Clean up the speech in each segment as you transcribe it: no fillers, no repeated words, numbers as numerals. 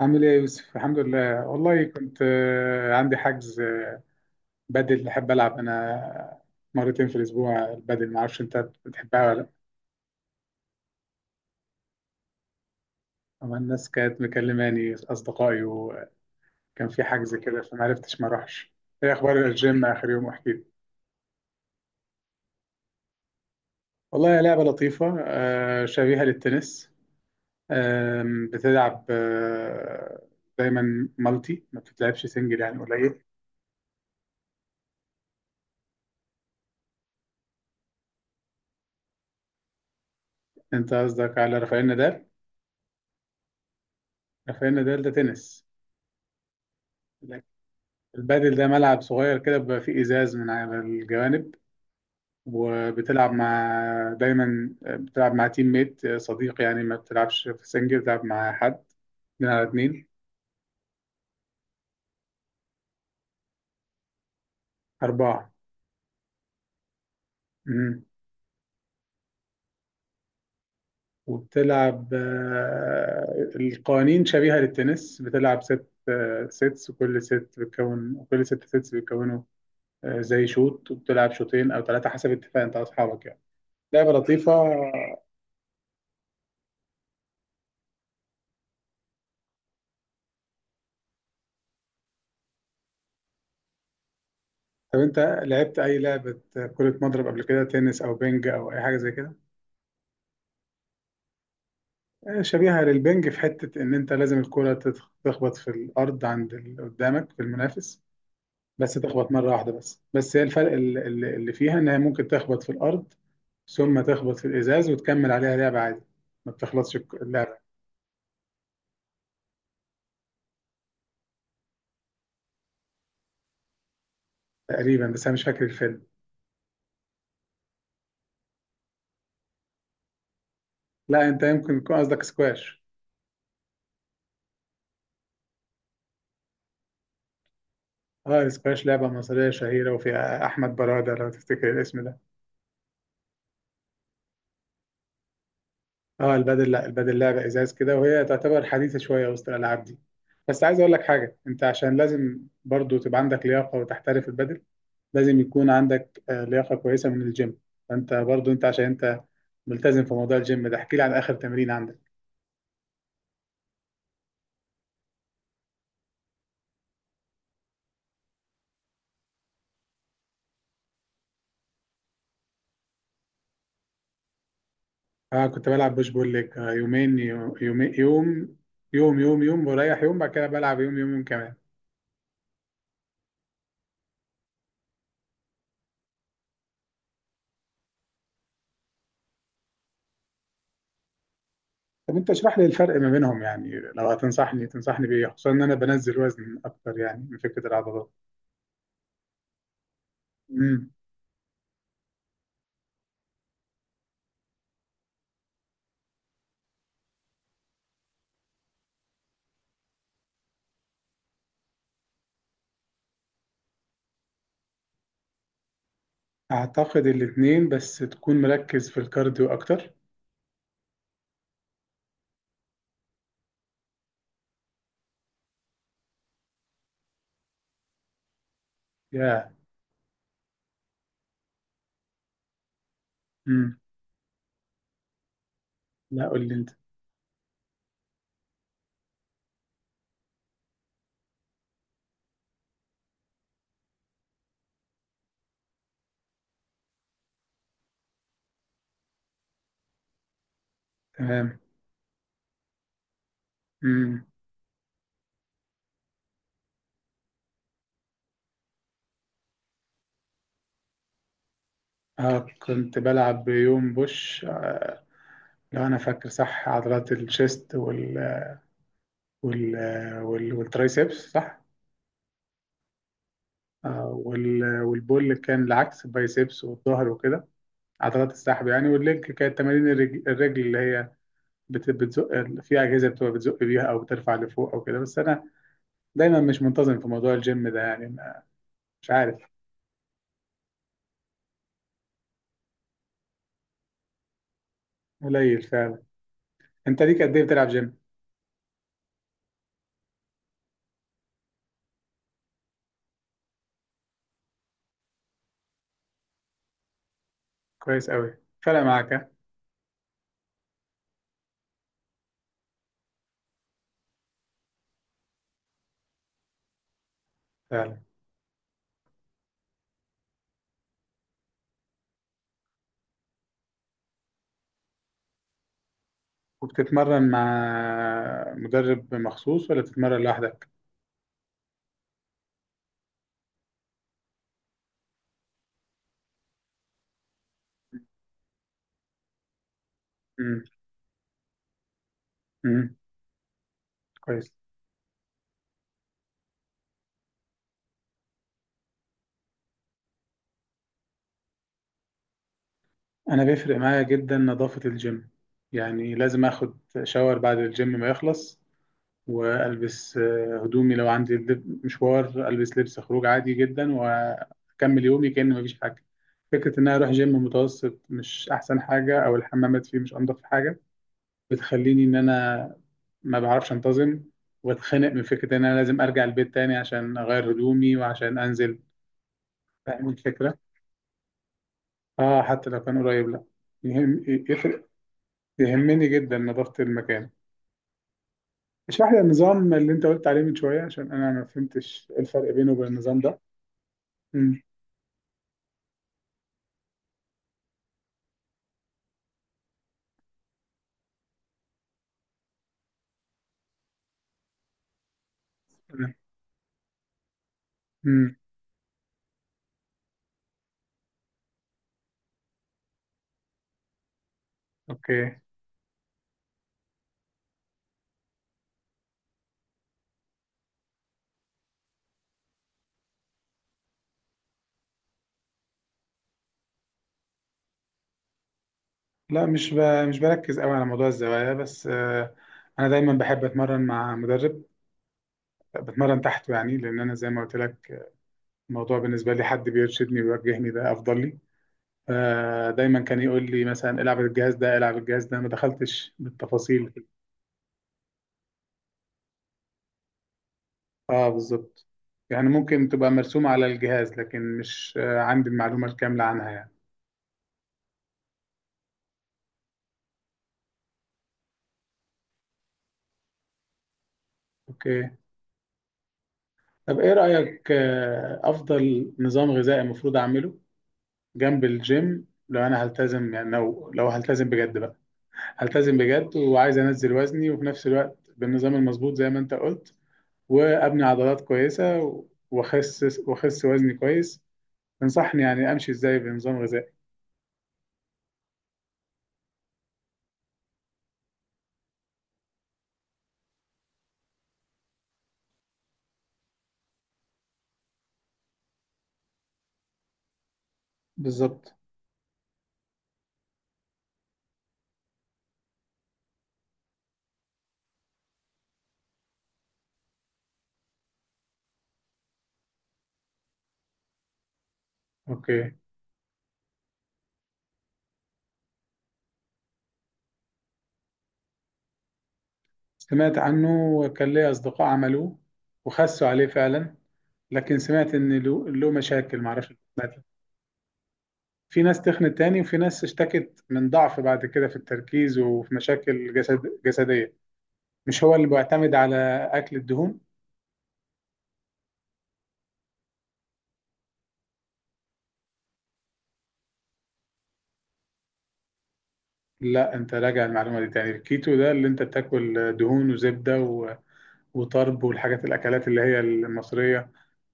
عامل ايه يا يوسف؟ الحمد لله. والله كنت عندي حجز. بدل، بحب العب انا مرتين في الاسبوع. البدل، ما اعرفش انت بتحبها ولا لا؟ أما الناس كانت مكلماني اصدقائي، وكان في حجز كده فما عرفتش ما اروحش. ايه اخبار الجيم؟ اخر يوم احكي لي. والله لعبه لطيفه، شبيهه للتنس. بتلعب دايما مالتي، ما بتتلعبش سنجل، يعني قليل. انت قصدك على رافائيل نادال؟ رافائيل نادال ده تنس. البادل ده ملعب صغير كده بيبقى فيه إزاز من على الجوانب، وبتلعب مع. دايما بتلعب مع تيم ميت، صديق يعني، ما بتلعبش في سنجل، بتلعب مع حد، اتنين على اتنين. أربعة. مم. وبتلعب، القوانين شبيهة للتنس، بتلعب ست سيتس، وكل ست بتكون كل ست سيتس بيتكونوا زي شوط، وبتلعب شوطين أو ثلاثة حسب اتفاق أنت وأصحابك، يعني لعبة لطيفة. طب انت لعبت اي لعبة كرة مضرب قبل كده؟ تنس او بينج او اي حاجة زي كده. شبيهة للبينج في حتة ان انت لازم الكرة تخبط في الارض عند اللي قدامك في المنافس، بس تخبط مرة واحدة بس، هي الفرق اللي فيها ان هي ممكن تخبط في الارض، ثم تخبط في الازاز وتكمل عليها لعبة عادي، ما بتخلصش اللعبة. تقريبا بس انا مش فاكر الفيلم. لا، انت يمكن يكون قصدك سكواش. اه، سكواش لعبة مصرية شهيرة، وفيها احمد برادة لو تفتكر الاسم ده. اه البادل، لا البادل لعبه ازاز كده، وهي تعتبر حديثه شويه وسط الالعاب دي. بس عايز اقول لك حاجه، انت عشان لازم برضو تبقى عندك لياقه وتحترف البادل، لازم يكون عندك لياقه كويسه من الجيم. فانت برضو انت عشان انت ملتزم في موضوع الجيم ده. احكي لي عن اخر تمرين عندك. اه، كنت بلعب بوش بول ليج، يومين يومين، يوم يوم يوم، يوم بريح يوم، بعد كده بلعب يوم يوم يوم كمان. طب انت اشرح لي الفرق ما بينهم، يعني لو تنصحني بايه، خصوصا ان انا بنزل وزن اكتر، يعني من فكره العضلات. امم. اعتقد الاثنين، بس تكون مركز في الكارديو اكتر. يا امم. لا، قول لي انت. تمام. امم. اه، كنت بلعب يوم بوش، لو انا فاكر صح، عضلات الشيست وال والترايسبس صح؟ والبول كان العكس، البايسبس والظهر وكده، عضلات السحب يعني. والليج كانت تمارين الرجل، اللي هي بتزق في اجهزه، بتبقى بتزق بيها او بترفع لفوق او كده. بس انا دايما مش منتظم في موضوع الجيم ده، يعني مش عارف. قليل فعلا. انت ليك قد ايه بتلعب جيم؟ كويس قوي. فرق معاك ها؟ فعلا. وبتتمرن مع مدرب مخصوص ولا بتتمرن لوحدك؟ امم. امم. كويس. انا بيفرق معايا جدا نظافة الجيم، يعني لازم اخد شاور بعد الجيم ما يخلص، والبس هدومي. لو عندي مشوار، البس لبس خروج عادي جدا، واكمل يومي كأن مفيش حاجة. فكرة ان انا اروح جيم متوسط مش احسن حاجة، او الحمامات فيه مش انضف حاجة، بتخليني ان انا ما بعرفش انتظم، واتخنق من فكره ان انا لازم ارجع البيت تاني عشان اغير هدومي وعشان انزل. فاهم الفكره. اه، حتى لو كان قريب، لا يهم، يفرق. يهمني جدا نظافه المكان. اشرح لي النظام اللي انت قلت عليه من شويه، عشان انا ما فهمتش إيه الفرق بينه وبين النظام ده. امم. تمام. امم. اوكي. لا، مش بركز قوي على موضوع الزوايا، بس انا دايما بحب اتمرن مع مدرب، بتمرن تحته، يعني لان انا زي ما قلت لك الموضوع بالنسبة لي، حد بيرشدني ويوجهني ده أفضل لي. فدايما كان يقول لي مثلا العب الجهاز ده، العب الجهاز ده، ما دخلتش بالتفاصيل. اه، بالظبط. يعني ممكن تبقى مرسومة على الجهاز، لكن مش عندي المعلومة الكاملة عنها يعني. اوكي. طب ايه رأيك، أفضل نظام غذائي المفروض أعمله جنب الجيم، لو أنا هلتزم يعني، لو هلتزم بجد بقى، هلتزم بجد، وعايز أنزل وزني، وفي نفس الوقت بالنظام المظبوط زي ما أنت قلت، وابني عضلات كويسه، واخس وزني كويس. تنصحني يعني امشي ازاي بنظام غذائي؟ بالظبط. اوكي. سمعت عنه، وكان لي اصدقاء عملوه، وخسوا عليه فعلا، لكن سمعت ان له مشاكل، معرفش. سمعت في ناس تخنت تاني، وفي ناس اشتكت من ضعف بعد كده في التركيز، وفي مشاكل جسديه. مش هو اللي بيعتمد على اكل الدهون؟ لا، انت راجع المعلومه دي تاني. الكيتو ده اللي انت بتاكل دهون وزبده وطرب، والحاجات الاكلات اللي هي المصريه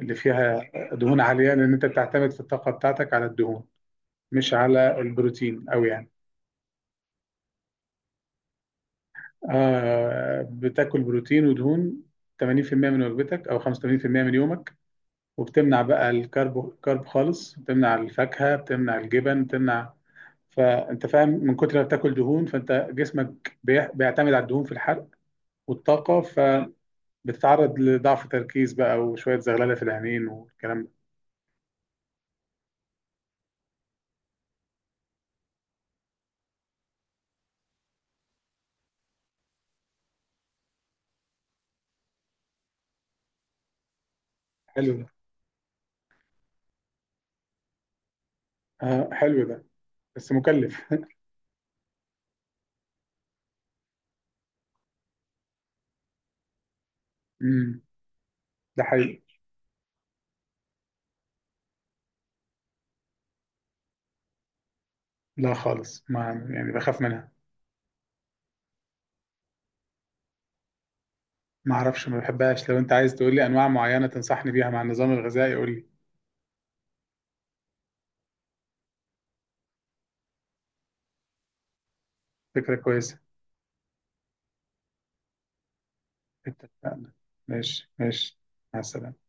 اللي فيها دهون عاليه، لان انت بتعتمد في الطاقه بتاعتك على الدهون، مش على البروتين قوي يعني. بتاكل بروتين ودهون 80% من وجبتك او 85% من يومك، وبتمنع بقى كرب خالص، بتمنع الفاكهه، بتمنع الجبن، بتمنع. فانت فاهم، من كتر ما بتاكل دهون فانت جسمك بيعتمد على الدهون في الحرق والطاقه، فبتتعرض لضعف تركيز بقى، وشويه زغلله في العينين والكلام ده. حلو. آه، حلو ده، بس مكلف. امم. ده حقيقي. لا خالص، ما يعني بخاف منها. ما اعرفش، ما بحبهاش. لو انت عايز تقول لي انواع معينة تنصحني بيها مع النظام الغذائي قول لي. فكرة كويسة. اتفقنا. ماشي ماشي. مع السلامة.